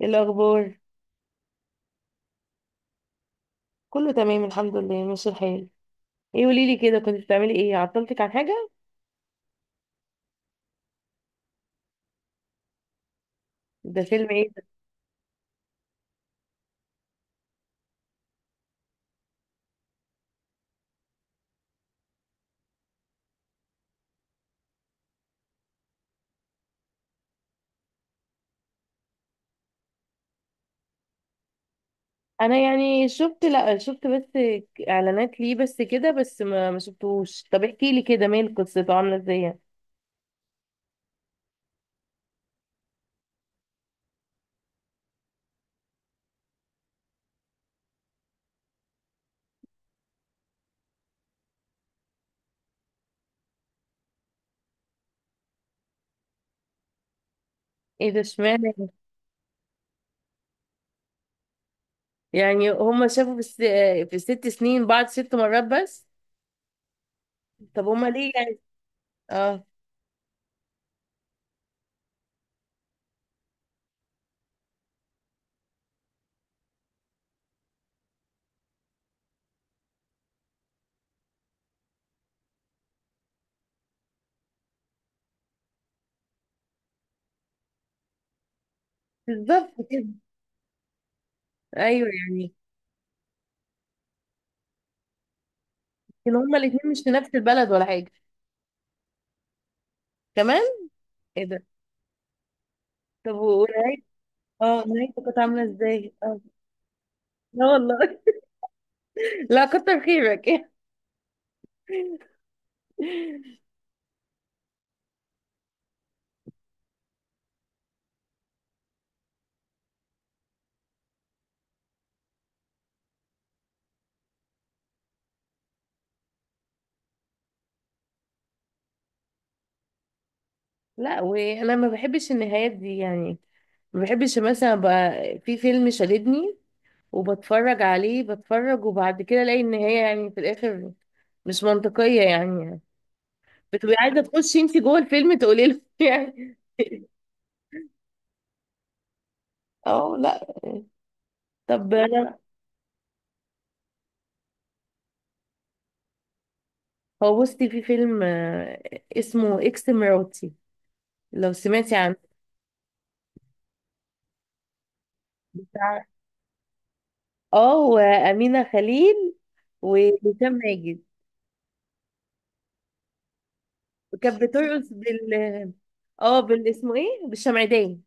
إيه الاخبار؟ كله تمام الحمد لله ماشي الحال. ايه، قولي لي كده، كنت بتعملي ايه؟ عطلتك عن حاجه؟ ده فيلم ايه ده؟ انا يعني شفت، لا شفت بس اعلانات ليه بس كده، بس ما شفتهوش. طب احكي لي كده، مال قصته، عامله ازاي يعني؟ ايه ده اشمعنى؟ يعني هما شافوا في في الست سنين بعض ست مرات بس؟ طب هما ليه يعني؟ اه، بالظبط كده. ايوه يعني. كان هما الاتنين مش في نفس البلد ولا حاجه؟ كمان؟ ايه ده. طب ونهاية؟ اه، نهايته كانت عامله ازاي؟ اه، لا والله. لا كتر خيرك. لا وانا ما بحبش النهايات دي يعني. ما بحبش مثلا بقى، في فيلم شددني وبتفرج عليه بتفرج، وبعد كده الاقي النهاية يعني في الاخر مش منطقية يعني. بتبقي عايزة تخشي انت جوه الفيلم تقولي له يعني. اه لا. طب انا، هو بصي في فيلم اسمه اكس مراتي، لو سمعتي عنه. بتاع- اه، وامينة خليل وهشام ماجد. وكانت بترقص بال، اه بال اسمه ايه، بالشمعدان.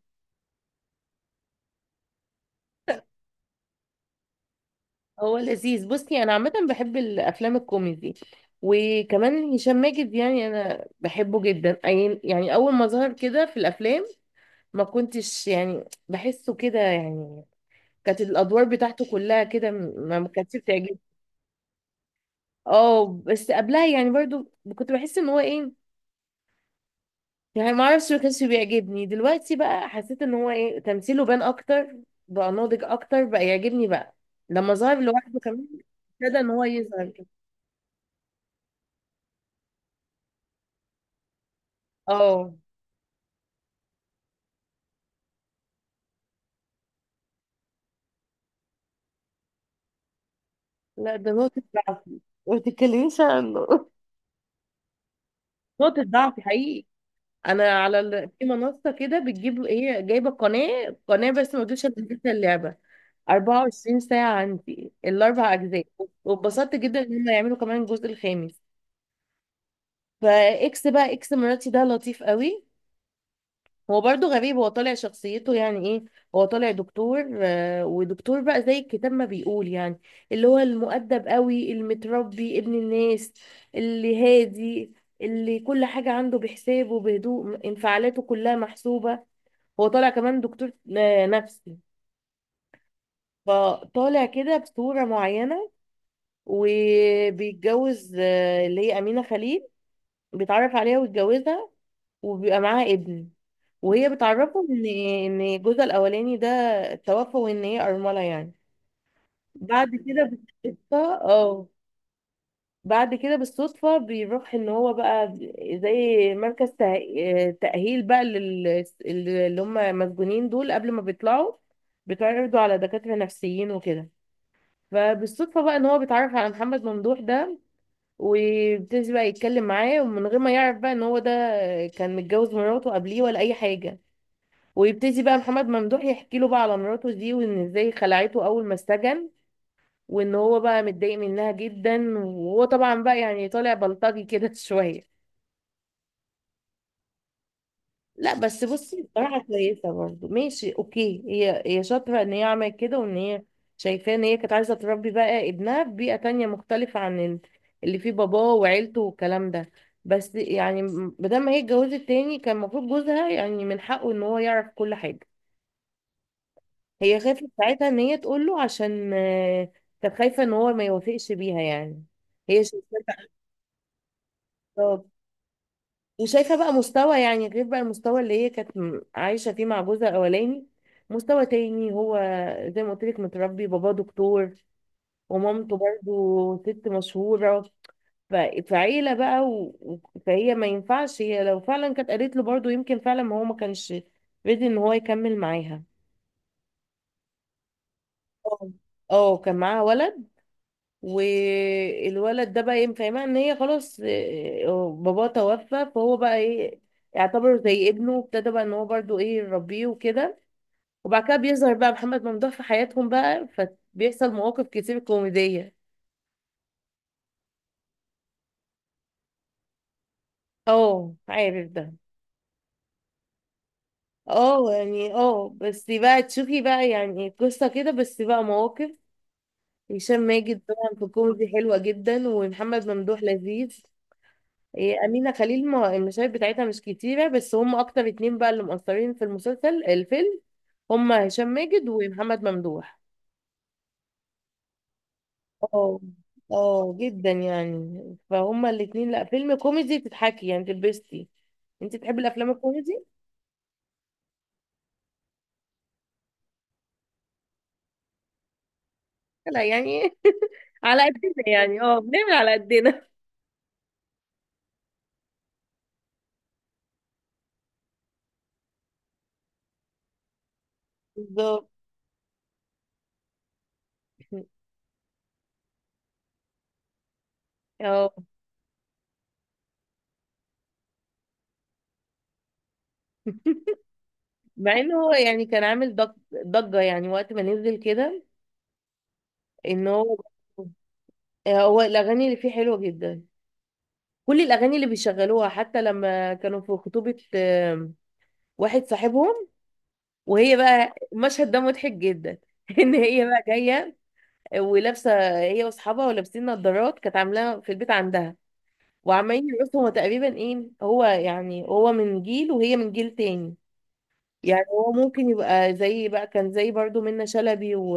هو لذيذ، بصي انا عامه بحب الافلام الكوميدي. وكمان هشام ماجد يعني انا بحبه جدا. يعني اول ما ظهر كده في الافلام ما كنتش يعني بحسه كده يعني، كانت الادوار بتاعته كلها كده ما كانتش بتعجبني. اه بس قبلها يعني برضو كنت بحس ان هو ايه، يعني ما اعرفش ما كانش بيعجبني. دلوقتي بقى حسيت ان هو ايه، تمثيله بان اكتر، بقى ناضج اكتر، بقى يعجبني بقى لما ظهر لوحده كمان، ابتدى ان هو يظهر كده. اه لا، ده نقطة ضعفي، ما تتكلميش عنه. نقطة ضعفي حقيقي. انا على في منصة كده بتجيب ايه، جايبة قناة قناة، بس ما تقولش، انا نزلت اللعبة 24 ساعة، عندي الاربع اجزاء. واتبسطت جدا ان هم يعملوا كمان الجزء الخامس. فاكس بقى اكس مراتي ده لطيف قوي. هو برضو غريب، هو طالع شخصيته يعني ايه، هو طالع دكتور ودكتور بقى زي الكتاب ما بيقول يعني، اللي هو المؤدب قوي، المتربي، ابن الناس، اللي هادي، اللي كل حاجة عنده بحسابه، بهدوء، انفعالاته كلها محسوبة. هو طالع كمان دكتور نفسي، فطالع كده بصورة معينة. وبيتجوز اللي هي أمينة خليل، بيتعرف عليها ويتجوزها، وبيبقى معاها ابن. وهي بتعرفه ان جوزها الاولاني ده توفى، وان هي ارمله يعني. بعد كده بالصدفه، اه بعد كده بالصدفه بيروح ان هو بقى زي مركز تاهيل بقى لل، اللي هم مسجونين دول قبل ما بيطلعوا بيتعرضوا على دكاتره نفسيين وكده. فبالصدفه بقى ان هو بيتعرف على محمد ممدوح ده، وبيبتدي بقى يتكلم معاه، ومن غير ما يعرف بقى ان هو ده كان متجوز مراته قبليه ولا اي حاجه. ويبتدي بقى محمد ممدوح يحكي له بقى على مراته دي، وان ازاي خلعته اول ما اتسجن، وان هو بقى متضايق منها جدا. وهو طبعا بقى يعني طالع بلطجي كده شويه. لا بس بصي بصراحه كويسه برضه، ماشي اوكي، هي شاطره ان هي عملت كده، وان هي شايفاه ان هي كانت عايزه تربي بقى ابنها في بيئه تانية مختلفه عن اللي فيه باباه وعيلته والكلام ده. بس يعني، بدل ما هي اتجوزت تاني كان المفروض جوزها يعني من حقه ان هو يعرف كل حاجه. هي خافت ساعتها ان هي تقول له عشان كانت خايفه ان هو ما يوافقش بيها يعني. هي شايفاه خلاص. وشايفه بقى مستوى يعني، غير بقى المستوى اللي هي كانت عايشه فيه مع جوزها الاولاني، مستوى تاني هو، زي ما قلت لك متربي، باباه دكتور ومامته برضو ست مشهوره. ف- فعيله بقى فهي ما ينفعش، هي لو فعلا كانت قالت له برضو يمكن فعلا ما هو ما كانش ريدي ان هو يكمل معاها. اه كان معاها ولد. والولد ده بقى ايه، فاهمها ان هي خلاص باباه توفى. فهو بقى ايه، يعتبر زي ابنه، وابتدى بقى ان هو برضو ايه يربيه وكده. وبعد كده بيظهر بقى محمد ممدوح في حياتهم بقى، فبيحصل مواقف كتير كوميدية. اه عارف ده. اه يعني، اه بس بقى تشوفي بقى، يعني قصة كده بس بقى مواقف. هشام ماجد طبعا في الكوميدي حلوة جدا، ومحمد ممدوح لذيذ. إيه، أمينة خليل ما المشاهد بتاعتها مش كتيرة، بس هم أكتر اتنين بقى اللي مؤثرين في المسلسل الفيلم هم هشام ماجد ومحمد ممدوح. اه، اه جدا يعني. فهم الاتنين لا فيلم كوميدي تتحكي يعني تلبستي. انت تحبي الأفلام الكوميدي؟ لا يعني على قدنا يعني، اه بنعمل على قدنا. بالظبط. اه، مع ان هو يعني كان عامل ضجة يعني وقت ما نزل كده، ان هو هو الأغاني اللي فيه حلوة جدا. كل الاغاني اللي بيشغلوها، حتى لما كانوا في خطوبة واحد صاحبهم، وهي بقى المشهد ده مضحك جدا، ان هي بقى جايه ولابسه، هي واصحابها ولابسين نظارات كانت عاملاها في البيت عندها، وعمالين يرقصوا. هما تقريبا ايه، هو يعني هو من جيل وهي من جيل تاني. يعني هو ممكن يبقى زي بقى، كان زي برضو منة شلبي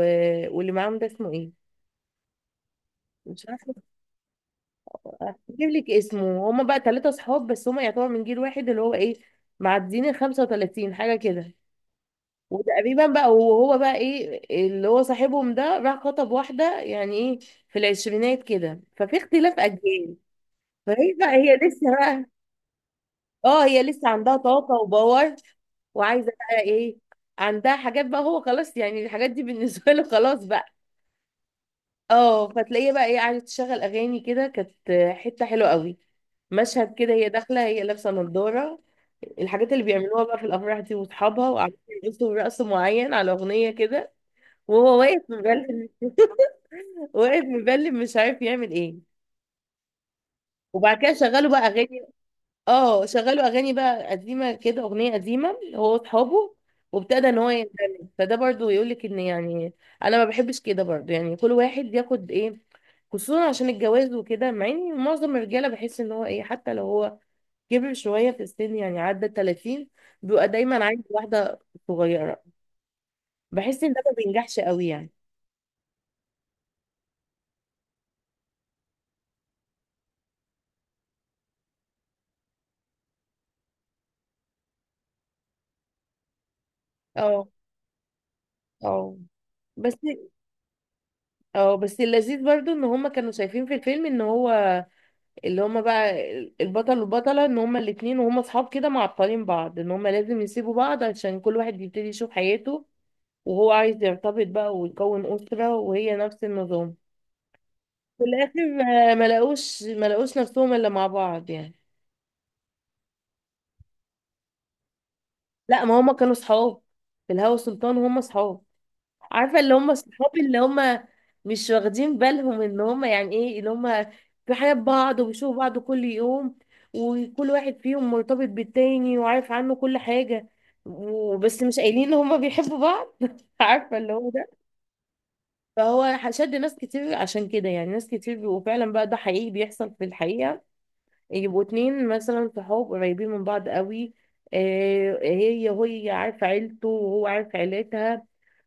واللي معاهم ده اسمه ايه، مش عارفه، اجيب لك اسمه. هما بقى ثلاثة صحاب، بس هما يعتبر من جيل واحد، اللي هو ايه، معديين ال 35 حاجة كده وتقريبا بقى. وهو بقى ايه اللي هو صاحبهم ده، راح خطب واحدة يعني ايه في العشرينات كده، ففي اختلاف اجيال. فهي بقى، هي لسه بقى، اه هي لسه عندها طاقة وباور، وعايزة بقى ايه، عندها حاجات بقى، هو خلاص يعني الحاجات دي بالنسبة له خلاص بقى. اه فتلاقيها بقى ايه، قعدت تشغل اغاني كده، كانت حته حلوه قوي. مشهد كده هي داخله، هي لابسه نظاره، الحاجات اللي بيعملوها بقى في الافراح دي، واصحابها وقعدوا يرقصوا رقص معين على اغنيه كده، وهو واقف مبلم واقف مبلم مش عارف يعمل ايه. وبعد كده شغلوا بقى اغاني، اه شغلوا اغاني بقى قديمه كده، اغنيه قديمه، هو واصحابه، وابتدى ان هو يندمج. فده برضو يقول لك ان يعني، انا ما بحبش كده برضو يعني كل واحد ياخد ايه، خصوصا عشان الجواز وكده. مع ان معظم الرجاله بحس ان هو ايه، حتى لو هو كبر شويه في السن يعني عدى 30 بيبقى دايما عايز واحده صغيره. بحس ان ده ما بينجحش قوي يعني. اه، اه بس، اه بس اللذيذ برضو ان هما كانوا شايفين في الفيلم ان هو، اللي هما بقى البطل والبطلة، ان هما الاتنين وهما صحاب كده معطلين بعض، ان هما لازم يسيبوا بعض عشان كل واحد يبتدي يشوف حياته. وهو عايز يرتبط بقى ويكون أسرة، وهي نفس النظام. في الآخر ما لقوش، ما لقوش نفسهم إلا مع بعض يعني. لا ما هما كانوا صحاب، في الهوى سلطان هما صحاب، عارفه اللي هم صحابي اللي هم مش واخدين بالهم ان هم يعني ايه، اللي هم في حياة بعض وبيشوفوا بعض كل يوم، وكل واحد فيهم مرتبط بالتاني وعارف عنه كل حاجة، وبس مش قايلين ان هم بيحبوا بعض عارفه اللي هو ده. فهو شد ناس كتير عشان كده يعني، ناس كتير. وفعلا بقى ده حقيقي بيحصل في الحقيقة، يبقوا اتنين مثلا صحاب قريبين من بعض قوي، هي عارفة عيلته وهو عارف عيلتها،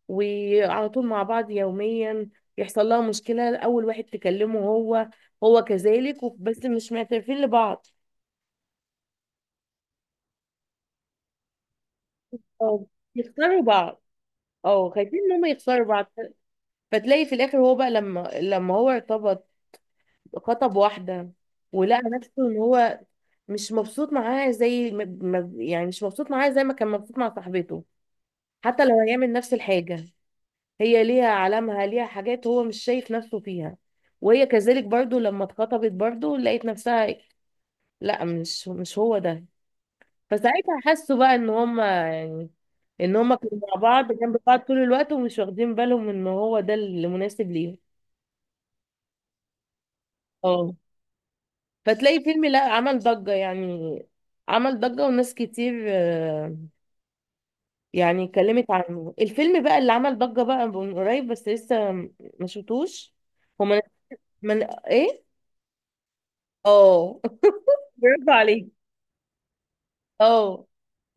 وعلى طول مع بعض يوميا، يحصل لها مشكلة أول واحد تكلمه هو، هو كذلك، بس مش معترفين لبعض. اه، يخسروا بعض، اه خايفين ان هم يخسروا بعض. فتلاقي في الاخر هو بقى، لما هو ارتبط، خطب واحدة، ولقى نفسه ان هو مش مبسوط معاها زي ما يعني مش مبسوط معاها زي ما كان مبسوط مع صاحبته، حتى لو هيعمل نفس الحاجة. هي ليها علامها، ليها حاجات هو مش شايف نفسه فيها. وهي كذلك برضو، لما اتخطبت برضو لقيت نفسها لا مش هو ده. فساعتها حسوا بقى ان هما يعني، ان هما كانوا مع بعض جنب بعض طول الوقت ومش واخدين بالهم ان هو ده اللي مناسب ليهم. اه، فتلاقي فيلم لا عمل ضجة يعني، عمل ضجة وناس كتير يعني اتكلمت عنه. الفيلم بقى اللي عمل ضجة بقى من قريب بس لسه ما شفتوش، هما من ايه؟ اه برافو عليك. اه،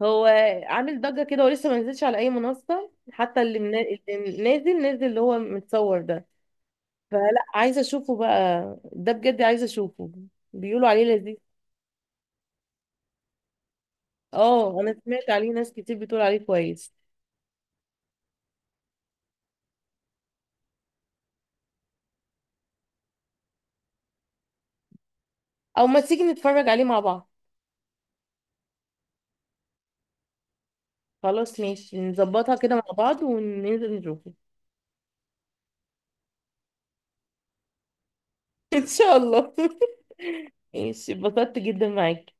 هو عامل ضجة كده ولسه ما نزلش على اي منصة، حتى اللي, اللي نازل نازل اللي هو متصور ده. فلا عايزة اشوفه بقى، ده بجد عايزة اشوفه، بيقولوا عليه لذيذ. اه انا سمعت عليه ناس كتير بتقول عليه كويس. او ما تيجي نتفرج عليه مع بعض؟ خلاص ماشي نظبطها كده مع بعض وننزل نشوفه. ان شاء الله. ماشي، اتبسطت جدا معاكي.